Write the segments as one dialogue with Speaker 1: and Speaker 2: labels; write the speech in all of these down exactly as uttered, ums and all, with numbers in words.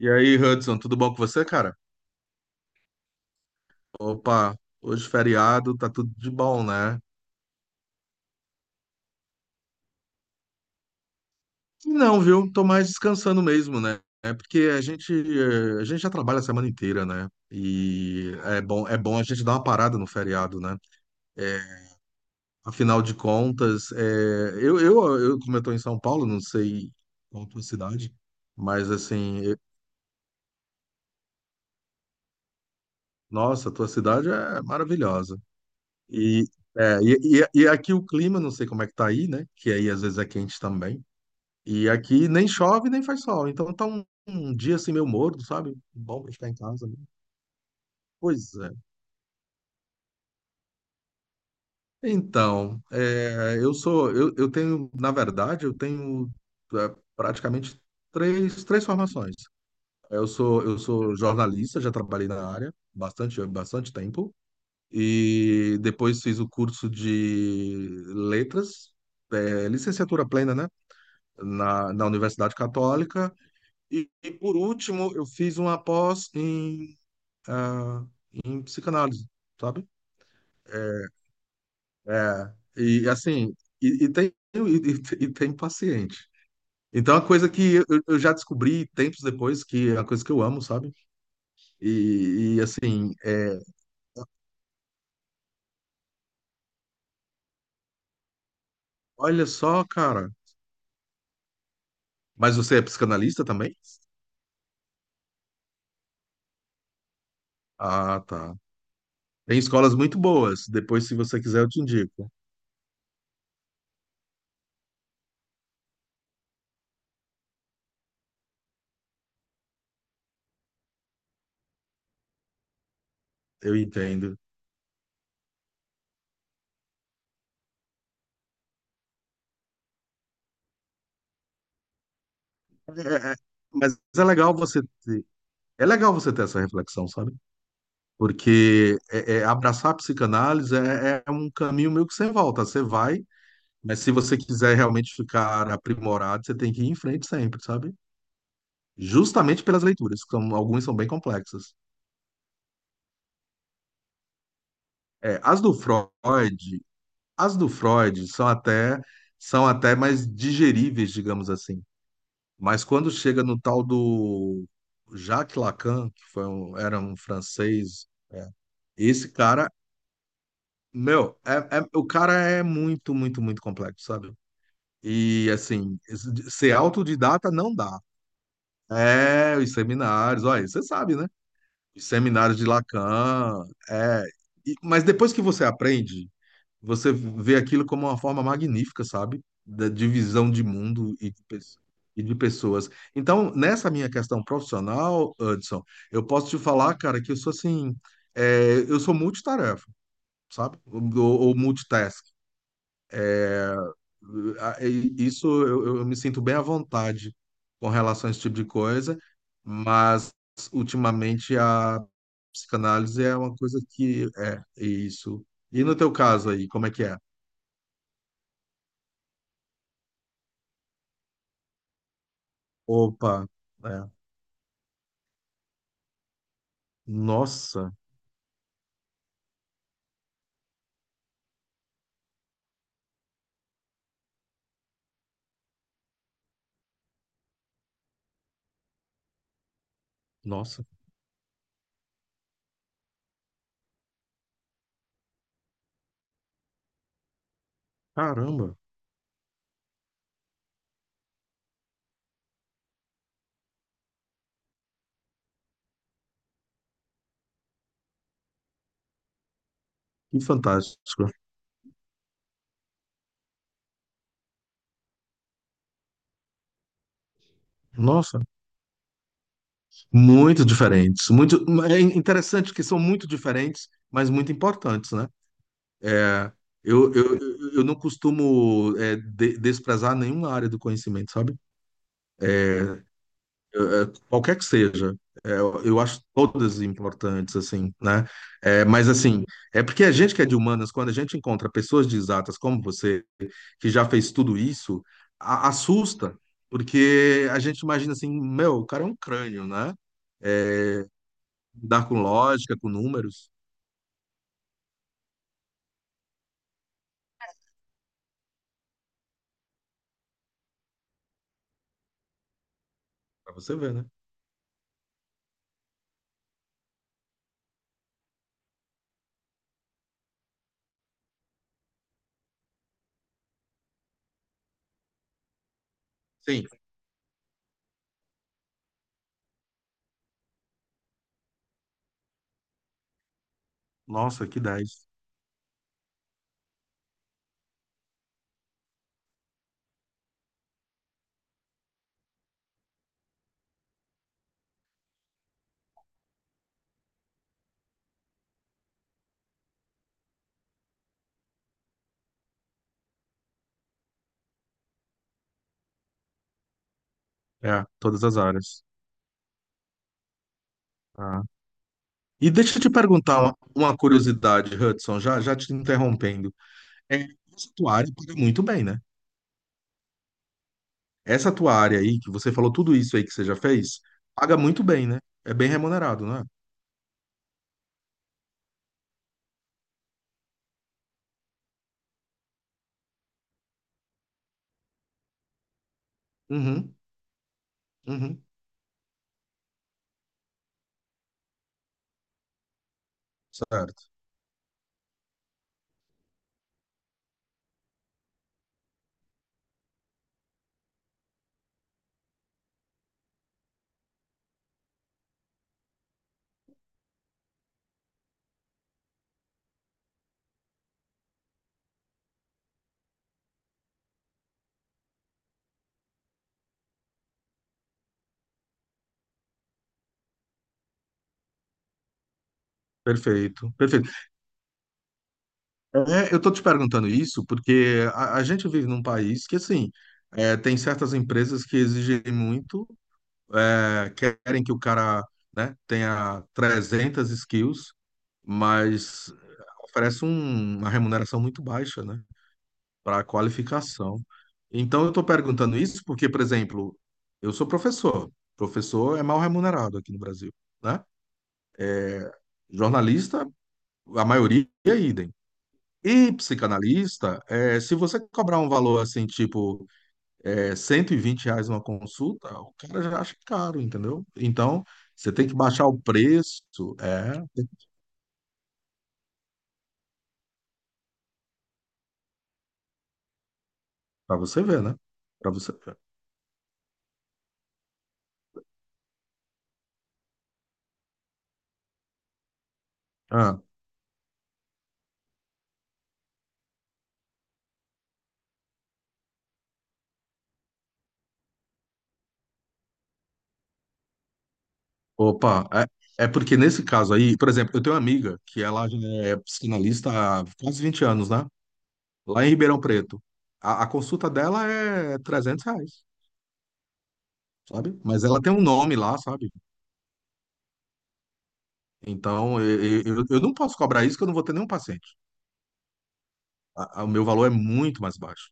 Speaker 1: E aí, Hudson, tudo bom com você, cara? Opa, hoje feriado, tá tudo de bom, né? Não, viu? Tô mais descansando mesmo, né? É porque a gente, eh, a gente já trabalha a semana inteira, né? E é bom, é bom a gente dar uma parada no feriado, né? É, afinal de contas, é, eu, eu, eu, como eu tô em São Paulo, não sei qual a tua cidade, mas assim, eu- nossa, a tua cidade é maravilhosa. E, é, e, e, e aqui o clima, não sei como é que tá aí, né? Que aí às vezes é quente também. E aqui nem chove nem faz sol. Então tá um, um dia assim meio morno, sabe? Bom pra ficar em casa, né? Pois é. Então, é, eu sou, eu, eu tenho, na verdade, eu tenho é, praticamente três, três formações. Eu sou, eu sou jornalista, já trabalhei na área bastante, bastante tempo. E depois fiz o curso de letras, é, licenciatura plena, né? Na, na Universidade Católica. E, e por último, eu fiz uma pós em ah, em psicanálise, sabe? É, e assim, e, e tem, e, e- e tem paciente. Então, a coisa que eu, eu já descobri tempos depois, que é uma coisa que eu amo, sabe? E, e, assim, é, olha só, cara. Mas você é psicanalista também? Ah, tá. Tem escolas muito boas. Depois, se você quiser, eu te indico. Eu entendo. É, é, mas é legal você ter, é legal você ter essa reflexão, sabe? Porque é, é, abraçar a psicanálise é, é um caminho meio que sem volta. Você vai, mas se você quiser realmente ficar aprimorado, você tem que ir em frente sempre, sabe? Justamente pelas leituras, que são, algumas são bem complexas. É, as do Freud, as do Freud são até, são até mais digeríveis, digamos assim. Mas quando chega no tal do Jacques Lacan, que foi um- era um francês, esse cara, meu, é, é- o cara é muito, muito, muito complexo, sabe? E assim, ser autodidata não dá. É, os seminários, olha, você sabe, né? Os seminários de Lacan, é. E- mas depois que você aprende, você vê aquilo como uma forma magnífica, sabe? Da divisão de mundo e de, pe- e de pessoas. Então, nessa minha questão profissional, Hudson, eu posso te falar, cara, que eu sou assim, é, eu sou multitarefa, sabe? Ou, ou multitask. Isso eu, eu me sinto bem à vontade com relação a esse tipo de coisa, mas ultimamente a psicanálise é uma coisa que é é isso. E no teu caso aí, como é que é? Opa, é. Nossa, nossa, caramba, que fantástico. Nossa, muito diferentes, muito é interessante que são muito diferentes, mas muito importantes, né? É, eu, eu, eu eu não costumo é, de- desprezar nenhuma área do conhecimento, sabe? É, qualquer que seja. É, eu eu acho todas importantes, assim, né? É, mas, assim, é porque a gente que é de humanas, quando a gente encontra pessoas de exatas como você, que já fez tudo isso, a- assusta, porque a gente imagina assim, meu, o cara é um crânio, né? Lidar com lógica, com números, pra você ver, né? Sim. Nossa, que dez. É, todas as áreas. Ah. E deixa eu te perguntar uma, uma curiosidade, Hudson, já, já te interrompendo. É, essa tua área paga muito bem, né? Essa tua área aí, que você falou tudo isso aí que você já fez, paga muito bem, né? É bem remunerado, né? Uhum, uhum, certo. Perfeito, perfeito. É, eu tô te perguntando isso porque a, a gente vive num país que, assim, é, tem certas empresas que exigem muito é, querem que o cara, né, tenha trezentas skills, mas oferece um- uma remuneração muito baixa, né, para a qualificação. Então, eu estou perguntando isso porque, por exemplo, eu sou professor. Professor é mal remunerado aqui no Brasil, né? Jornalista, a maioria é idem. E psicanalista, é, se você cobrar um valor assim, tipo é, cento e vinte reais uma consulta, o cara já acha caro, entendeu? Então, você tem que baixar o preço, é, para você ver, né? Para você. Ah, opa, é, é porque nesse caso aí, por exemplo, eu tenho uma amiga que ela já é psicanalista há quase vinte anos, né? Lá em Ribeirão Preto. A, a consulta dela é trezentos reais. Sabe? Mas ela tem um nome lá, sabe? Então eu, eu, eu não posso cobrar isso que eu não vou ter nenhum paciente. A- a- o meu valor é muito mais baixo,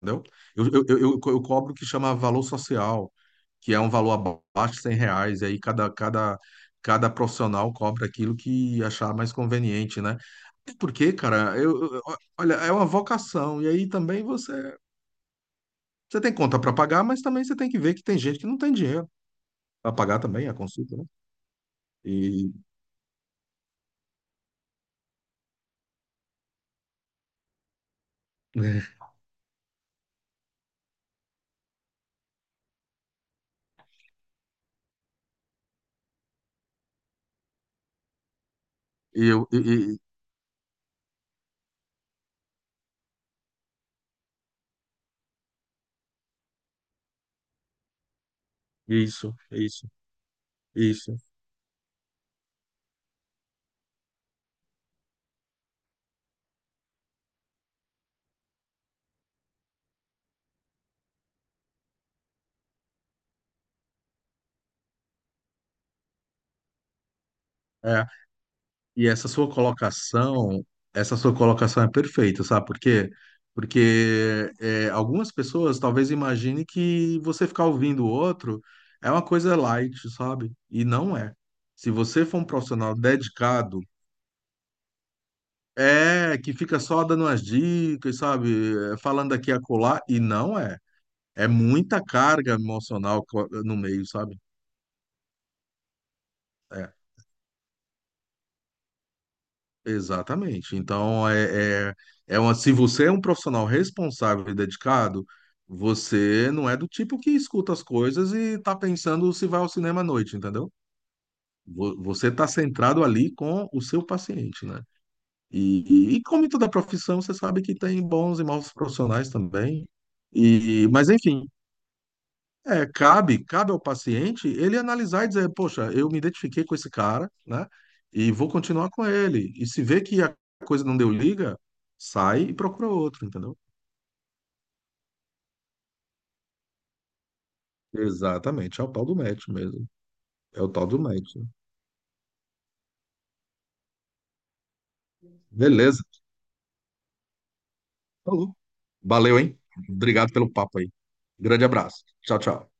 Speaker 1: entendeu? Eu, eu, eu, eu co- eu cobro o que chama valor social, que é um valor abaixo de cem reais, e aí cada, cada, cada profissional cobra aquilo que achar mais conveniente, né? Até porque, cara, eu, eu- olha, é uma vocação, e aí também você, você tem conta para pagar, mas também você tem que ver que tem gente que não tem dinheiro para pagar também a consulta, né? E, e eu, e, e- isso, é isso, é isso. É. E essa sua colocação, essa sua colocação é perfeita, sabe por quê? Porque é, algumas pessoas talvez imaginem que você ficar ouvindo o outro é uma coisa light, sabe? E não é. Se você for um profissional dedicado, é que fica só dando umas dicas, sabe? É, falando aqui e acolá, e não é. É muita carga emocional co- no meio, sabe? É. Exatamente. Então, é, é, é uma, se você é um profissional responsável e dedicado, você não é do tipo que escuta as coisas e tá pensando se vai ao cinema à noite, entendeu? Vo- Você tá centrado ali com o seu paciente, né? E, e, e como em toda profissão, você sabe que tem bons e maus profissionais também. E, mas, enfim, é, cabe, cabe ao paciente ele analisar e dizer, poxa, eu me identifiquei com esse cara, né? E vou continuar com ele. E se vê que a coisa não deu liga, sai e procura outro, entendeu? Exatamente, é o tal do match mesmo. É o tal do match. Beleza. Falou. Valeu, hein? Obrigado pelo papo aí. Grande abraço. Tchau, tchau.